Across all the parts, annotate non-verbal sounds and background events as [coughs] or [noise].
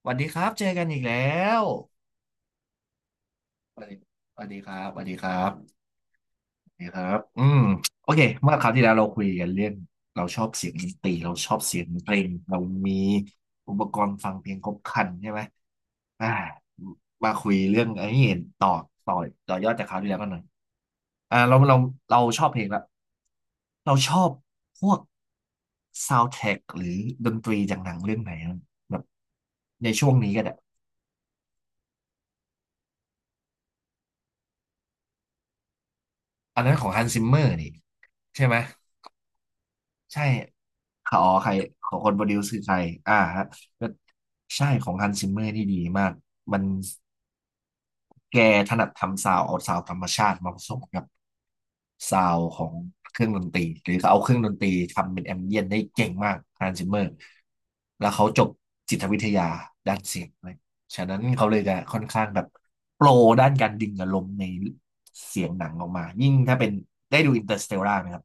สวัสดีครับเจอกันอีกแล้วสวัสดีสวัสดีครับสวัสดีครับสวัสดีครับอืมโอเคเมื่อคราวที่แล้วเราคุยกันเรื่อง เราชอบเสียงดนตรีเราชอบเสียงเพลงเรามีอุปกรณ์ฟังเพลงครบครันใช่ไหมอ่ามาคุยเรื่องไอ้นี่ต่อต่อต่อยอดจากคราวที่แล้วกันหน่อยอ่าเราชอบเพลงละ เราชอบพวกซาว n d t ท r a c k หรือดนตรีจากหนังเรื่องไหนอะแบบในช่วงนี้ก็ได้ อันนั้นของฮันซิมเมอร์นี่ใช่ไหมใช่อ๋อใครของคนโปรดิวซ์คือใครอ่าฮะก็ใช่ของฮันซิมเมอร์ที่ดีมากมันแกถนัดทำซาวด์เอาซาวด์ธรรมชาติมาผสมกับ ซาวของเครื่องดนตรีหรือเขาเอาเครื่องดนตรีทำเป็นแอมเบียนได้เก่งมากฮันซิมเมอร์แล้วเขาจบจิตวิทยาด้านเสียงเลยฉะนั้นเขาเลยจะค่อนข้างแบบโปรด้านการดึงอารมณ์ในเสียงหนังออกมายิ่งถ้าเป็นได้ดูอินเตอร์สเตลล่าไหมครับ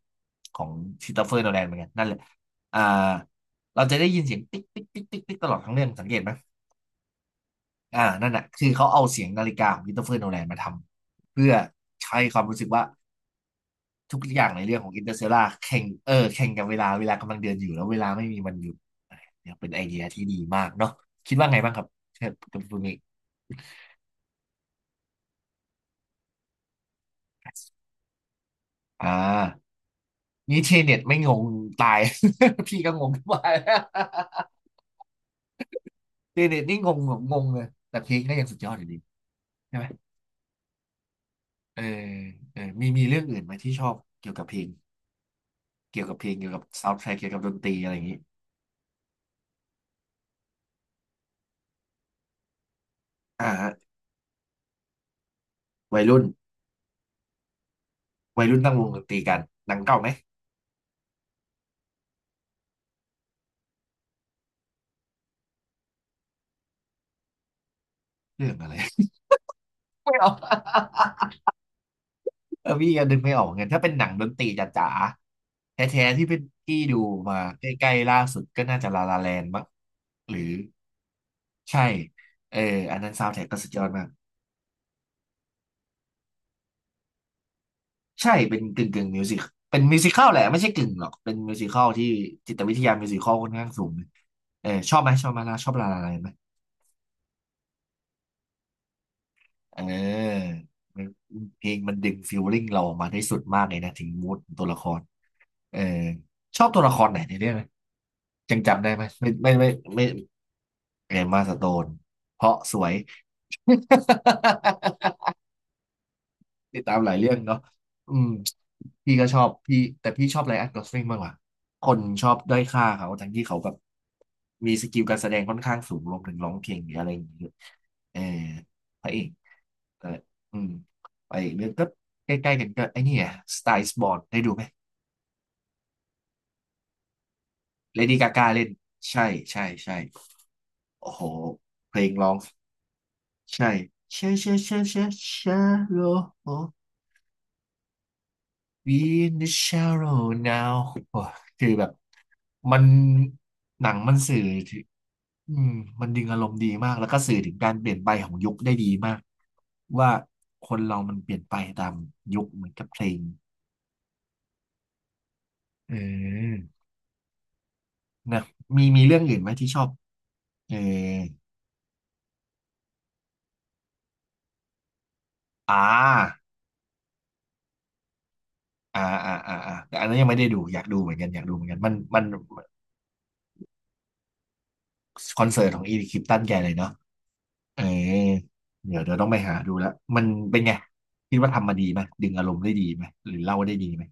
ของคริสโตเฟอร์โนแลนเหมือนกันนั่นแหละอ่าเราจะได้ยินเสียงติ๊กติ๊กติ๊กติ๊กติ๊กตลอดทั้งเรื่องสังเกตไหมอ่านั่นแหะคือเขาเอาเสียงนาฬิกาของคริสโตเฟอร์โนแลนมาทำเพื่อให้ความรู้สึกว่า ทุกอย่างในเรื่องของอินเตอร์เซลาแข่งเออแข่งกับเวลาเวลากำลังเดินอยู่แล้วเวลาไม่มีวันหยุดเนี่ยเป็นไอเดียที่ดีมากเนาะคิดว่าไงบ้างครับเชิญคุณฟูมิอ่านี่เทเน็ตไม่งงตาย [laughs] พี่ก็งงไป [laughs] เทเน็ตนี่งงแบบงงเลยแต่เพลงก็ยังสุดยอดอยู่ดีใช่ไหมเออเออมีเรื่องอื่นไหมที่ชอบเกี่ยวกับเพลงเกี่ยวกับเพลงเกี่ยวกับซาวด์แทร็กเกี่ยวกับดนตรีอะไรอย่างนี้อ่าฮะวัยรุ่นวัยรุ่นตั้งวงดนตรีกันหนังเก่าไหมเรื่องอะไร [laughs] ไม่เอา [laughs] เออพี่ก็นึกไม่ออกเหมือนกันถ้าเป็นหนังดนตรีจ๋าๆแท้ๆที่เป็นพี่ดูมาใกล้ๆล่าสุดก็น่าจะลาลาแลนด์มั้งหรือใช่เอออันนั้นซาวด์แทร็กก็สุดยอดมากใช่เป็นกึ่งกึ่งมิวสิคเป็นมิวสิคัลแหละไม่ใช่กึ่งหรอกเป็นมิวสิคัลที่จิตวิทยามิวสิคัลค่อนข้างสูงเลยเออชอบไหมชอบไหมล่ะชอบลาลาแลนด์ไหมเออมันเพลงมันดึงฟีลลิ่งเราออกมาได้สุดมากเลยนะถึงมูดตัวละครเออชอบตัวละครไหนในเรื่องไหมยังจำได้ไหมไม่ เอมมาสโตน เพราะสวย [laughs] ติดตามหลายเรื่องเนาะอืมพี่ก็ชอบพี่แต่พี่ชอบไรอันกอสลิงมากกว่า คนชอบด้อยค่าเขาทั้งที่เขาแบบมีสกิลการแสดงค่อนข้างสูงรวมถึงร้องเพลงหรืออะไรอย่างเงี้ยเออพระเอกเอออืมไปอีกเรื่องก็ใกล้ๆกันก็ไอ้นี่ไงสไตล์สบอร์นได้ดูไหมเลดี้กากาเล่นใช่โอ้โหเพลงร้องใช่เชเชเชเชเชโลโอ We in the shallow now โอ้คือแบบมันหนังมันสื่อถึงอืมมันดึงอารมณ์ดีมาก แล้วก็สื่อถึงการเปลี่ยนไปของยุคได้ดีมากว่าคนเรามันเปลี่ยนไปตามยุคเหมือนกับเพลงเออนะมีเรื่องอื่นไหมที่ชอบเอออ่าอ่าแต่อันนั้นยังไม่ได้ดูอยากดูเหมือนกันอยากดูเหมือนกันมันคอนเสิร์ตของอีริคลิปตันแกเลยเนาะ เออเดี๋ยวเราต้องไปหาดูแล้วมันเป็นไงคิดว่าทำมาดีไหมดึงอารมณ์ได้ดีไหมหรือเล่าได้ดีไหม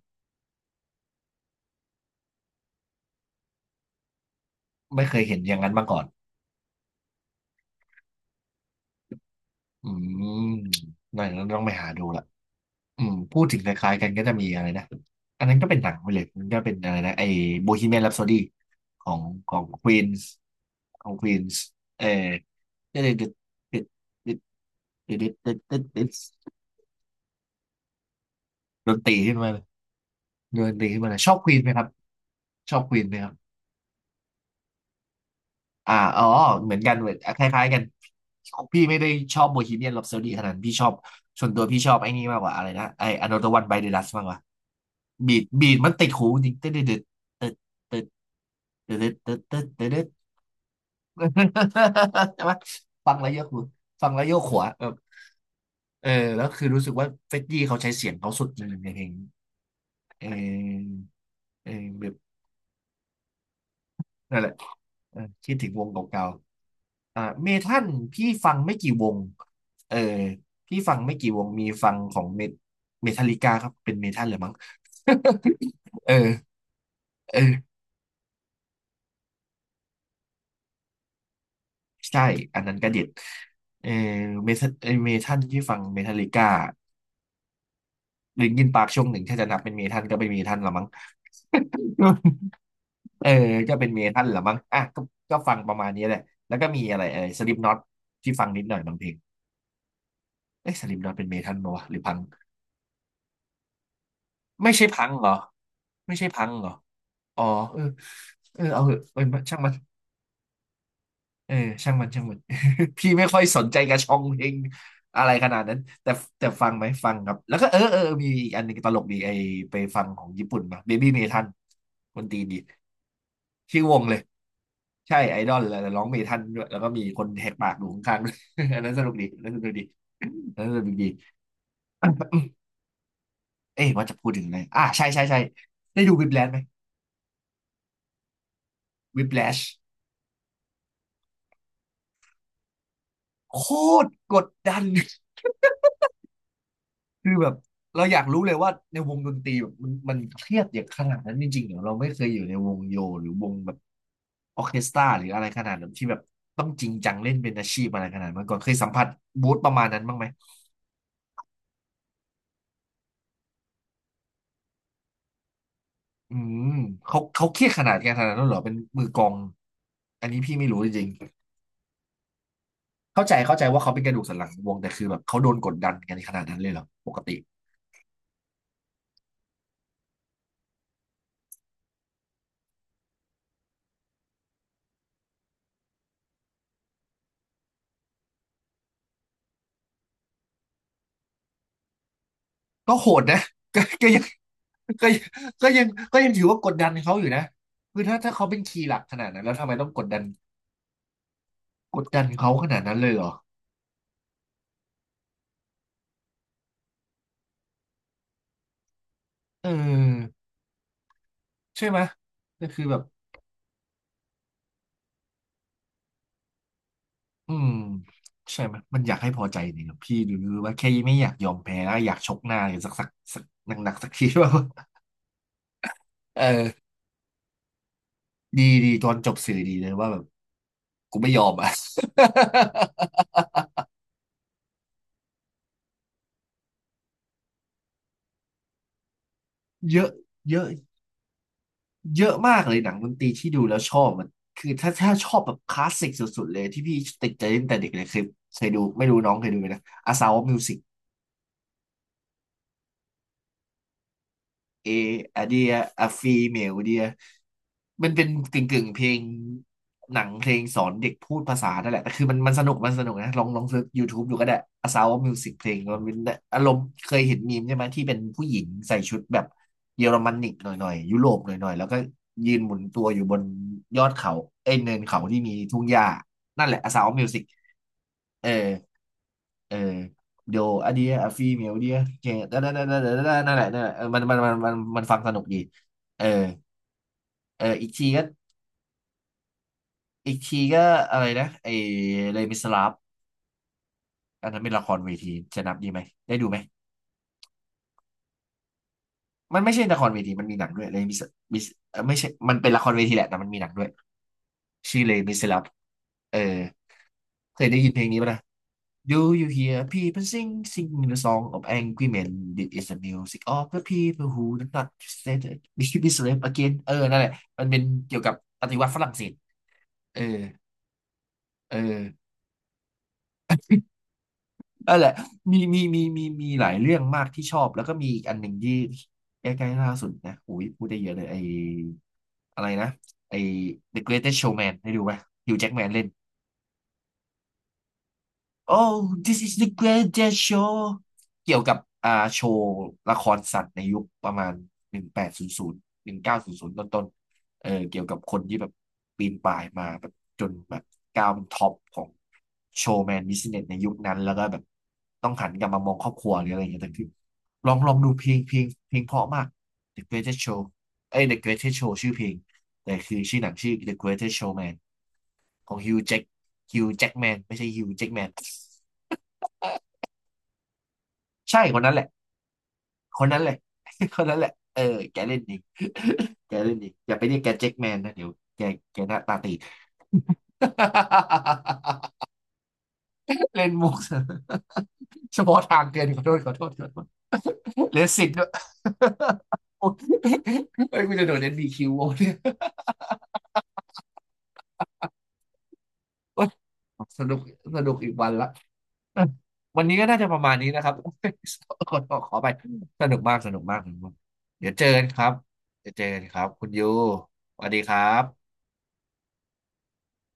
ไม่เคยเห็นอย่างนั้นมาก่อนอืมนั่ต้องไปหาดูและอพูดถึงคล้ายๆกันก็จะมีอะไรนะอันนั้นก็เป็นหนังไปเลยมันก็เป็นอะไรนะไอ้โบฮีเมียนแรปโซดของของควีนส์ของควีนส์เออก็เลยดึดดึดดึดดึดดดดดดดดดดนตรีขึ้นมาดนตรีขึ้นมาชอบควีนไหมครับชอบควีนไหมครับ อ่าอ๋อเหมือนกันเหมือนคล้ายๆกัน พี่ไม่ได้ชอบโบฮีเมียน h ร p ปโซดีขนาดนั้นพี่ชอบส่วนตัวพี่ชอบไอ้นี่มากกว่าอะไรนะไอ้อ o t h e r One by the Dust มากกว่าบีดบีดมันติดหูจริงตึ๊ดตึ๊ดตึ๊ดตึ๊ดตึ๊ดตึ๊ดตึ๊ดตึ๊ดตึ๊ด [laughs] ใช่ไหมฟังแล้วโยกหูฟังแล้วโยกหัวแบบเออแล้วคือรู้สึกว่าเฟดดี้เขาใช้เสียงเขาสุดจริงในเพลงเออเออแบบหล เออคิดถึงวงเก่าๆอ่าเมทัลพี่ฟังไม่กี่วงเออพี่ฟังไม่กี่วงมีฟังของเมทัลลิกาครับเป็นเมทัลเลยมั้ง [laughs] เออเออใช่อันนั้นก็เด็ดเออเมทัลเออเมทัลที่ฟังเมทัลลิก้าลินคินปาร์คช่วงหนึ่งถ้าจะนับเป็นเมทัลก็เป็นเมทัลละมั้ง [laughs] เออก็เป็นเมทัลละมั้งอ่ะก็ก็ฟังประมาณนี้แหละแล้วก็มีอะไรเออสลิปน็อตที่ฟังนิดหน่อยบางเพลงเอ้ยสลิปน็อตเป็นเมทัลปะวะหรือพัง ไม่ใช่พังเหรอไม่ใช่พังเหรออ๋อเออเออเอาเหอะเออช่างมันเออช่างมันช่างมัน [laughs] พี่ไม่ค่อยสนใจกระชองเพลงอะไรขนาดนั้นแต่แต่ฟังไหมฟังครับแล้วก็เออเออมีอีกอันหนึงตลกดีไอไปฟังของญี่ปุ่นมา Baby m e t ั l คนตีนดีชื่อวงเลยใช่ไอดอลแล้วแต่ร้องเมทัลด้วยแล้วก็มีคนแหกปากดูข้างๆด้วย [laughs] อันนั้นสนุกดีอันนั้นสนุกดีอันนั้นสนุกดี [coughs] เอ๊ะว่าจะพูดถึงอะไรอ่ะใช่ใช่ใช่ได้ดูวิ p แลชไหมวิ p แลชโคตรกดดัน คือแบบเราอยากรู้เลยว่าในวงดนตรีแบบมันเครียดอย่างขนาดนั้นจริงๆเหรอเราไม่เคยอยู่ในวงโยหรือวงแบบออร์เคสตราหรืออะไรขนาดนั้นที่แบบต้องจริงจังเล่นเป็นอาชีพอะไรขนาดนั้นมาก่อนเคยสัมผัสบูธประมาณนั้นบ้างไหมอืมเขาเครียดขนาดกันขนาดนั้นเหรอเป็นมือกลองอันนี้พี่ไม่รู้จริงๆเข้าใจเข้าใจว่าเขาเป็นกระดูกสันหลังของวงแต่คือแบบเขาโดนกดดันกันขนาดนั้นเลยเหรอปกติ ก็โหดนะ [laughs] ก็ก็ยังก็ยังก็ยังก็ยังถือว่ากดดันเขาอยู่นะคือถ้าเขาเป็นคีย์หลักขนาดนั้นแล้วทำไมต้องกดดันกดดันเขาขนาดนั้นเลยเหรอเออใช่ไหมก็คือแบบอืมใช่ไหมมันอยากให้พอใจนี่ครับพี่หรือว่าแค่ไม่อยากยอมแพ้แล้วอยากชกหน้าอย่างสักหนักๆสักทีว่า [laughs] เออดีดีตอนจบสื่อดีเลยว่าแบบกูไม่ยอมอ่ะ [laughs] เยอะเยอะ เยอะมากเลยหนังดนตรีที่ดูแล้วชอบมันคือถ้าชอบแบบคลาสสิกสุดๆเลยที่พี่ติดใจตั้งแต่เด็กเลยเคยดูไม่รู้น้องเคยดูไหมนะอาซาวมิวสิก เออะเดียอะฟีเหมลเดียมันเป็นกึ่งกึ่งเพลงหนังเพลงสอนเด็กพูดภาษานั่นแหละแต่คือมันมันสนุกมันสนุกนะลองลองเซิร์ช YouTube ดูก็ได้ A Sound of Music เพลงมันเป็นอารมณ์เคยเห็นมีมใช่ไหมที่เป็นผู้หญิงใส่ชุดแบบเยอรมันนิกหน่อยหน่อยยุโรปหน่อยหน่อยแล้วก็ยืนหมุนตัวอยู่บนยอดเขาเอ้ยเนินเขาที่มีทุ่งหญ้านั่นแหละ A Sound of Music เออเออ เดี๋ยวอันเดียอะฟีเมลเดียเจนั่นแหละนั่นแหละเออมันฟังสนุกดีเออเอออีกทีก็อีกทีก็อะไรนะไอเลมิสลาฟอันนั้นเป็นละครเวทีจะนับดีไหมได้ดูไหมมันไม่ใช่ละครเวทีมันมีหนังด้วยเลมิสมิสเออไม่ใช่มันเป็นละครเวทีแหละแต่มันมีหนังด้วยชื่อเลมิสลาฟเออเคยได้ยินเพลงนี้ป่ะนะ Do you hear people sing, sing the song of angry men? This is the music of the people who do not say t h t we should be slave again. เออนั่นแหละมันเป็นเกี่ยวกับปฏิวัติฝรั่งเศสเออเออนั่นแหละมีหลายเรื่องมากที่ชอบแล้วก็มีอีกอันหนึ่งที่ใกล้ๆล่าสุดนะโอ้ยพูดได้เยอะเลยไออะไรนะไอ The Greatest Showman ได้ดูไหมฮิวแจ็คแมนเล่น Oh this is the greatest show เกี่ยวกับอ่าโชว์ละครสัตว์ในยุคประมาณ18001900ต้นๆเออเกี่ยวกับคนที่แบบปีนป่ายมาแบบจนแบบก้าวเป็นท็อปของโชว์แมนบิสเนสในยุคนั้นแล้วก็แบบต้องหันกลับมามองครอบครัวหรืออะไรอย่างเงี้ยแต่คือลองลองดูเพลงเพราะมาก The Greatest Show เอ้ย The Greatest Show ชื่อเพลงแต่คือชื่อหนังชื่อ The Greatest Showman ของ Hugh Jack Hugh Jackman ไม่ใช่ Hugh Jackman ใช่คนนั้นแหละคนนั้นแหละ [laughs] คนนั้นแหละเออแกเล่นดี [laughs] แกเล่นดีอย่าไปเรียกแกแจ็คแมนนะเดี๋ยวแกแกหน้าตาตี [laughs] เล่นมุก [laughs] เฉพาะทางเกินขอโทษขอโทษขอโทษเลสิตด้วย [laughs] โอ๊ยเฮ้ยกูจะโดนNBQโว้ยเนี่ย [laughs] โอ๊ยสนุกสนุกอีกวันละวันนี้ก็น่าจะประมาณนี้นะครับ [laughs] ขอขอไปสนุกมากสนุกมากสนุกมากเดี๋ยวเจอกันครับเดี๋ยวเจอกันครับคุณยูสวัสดีครับ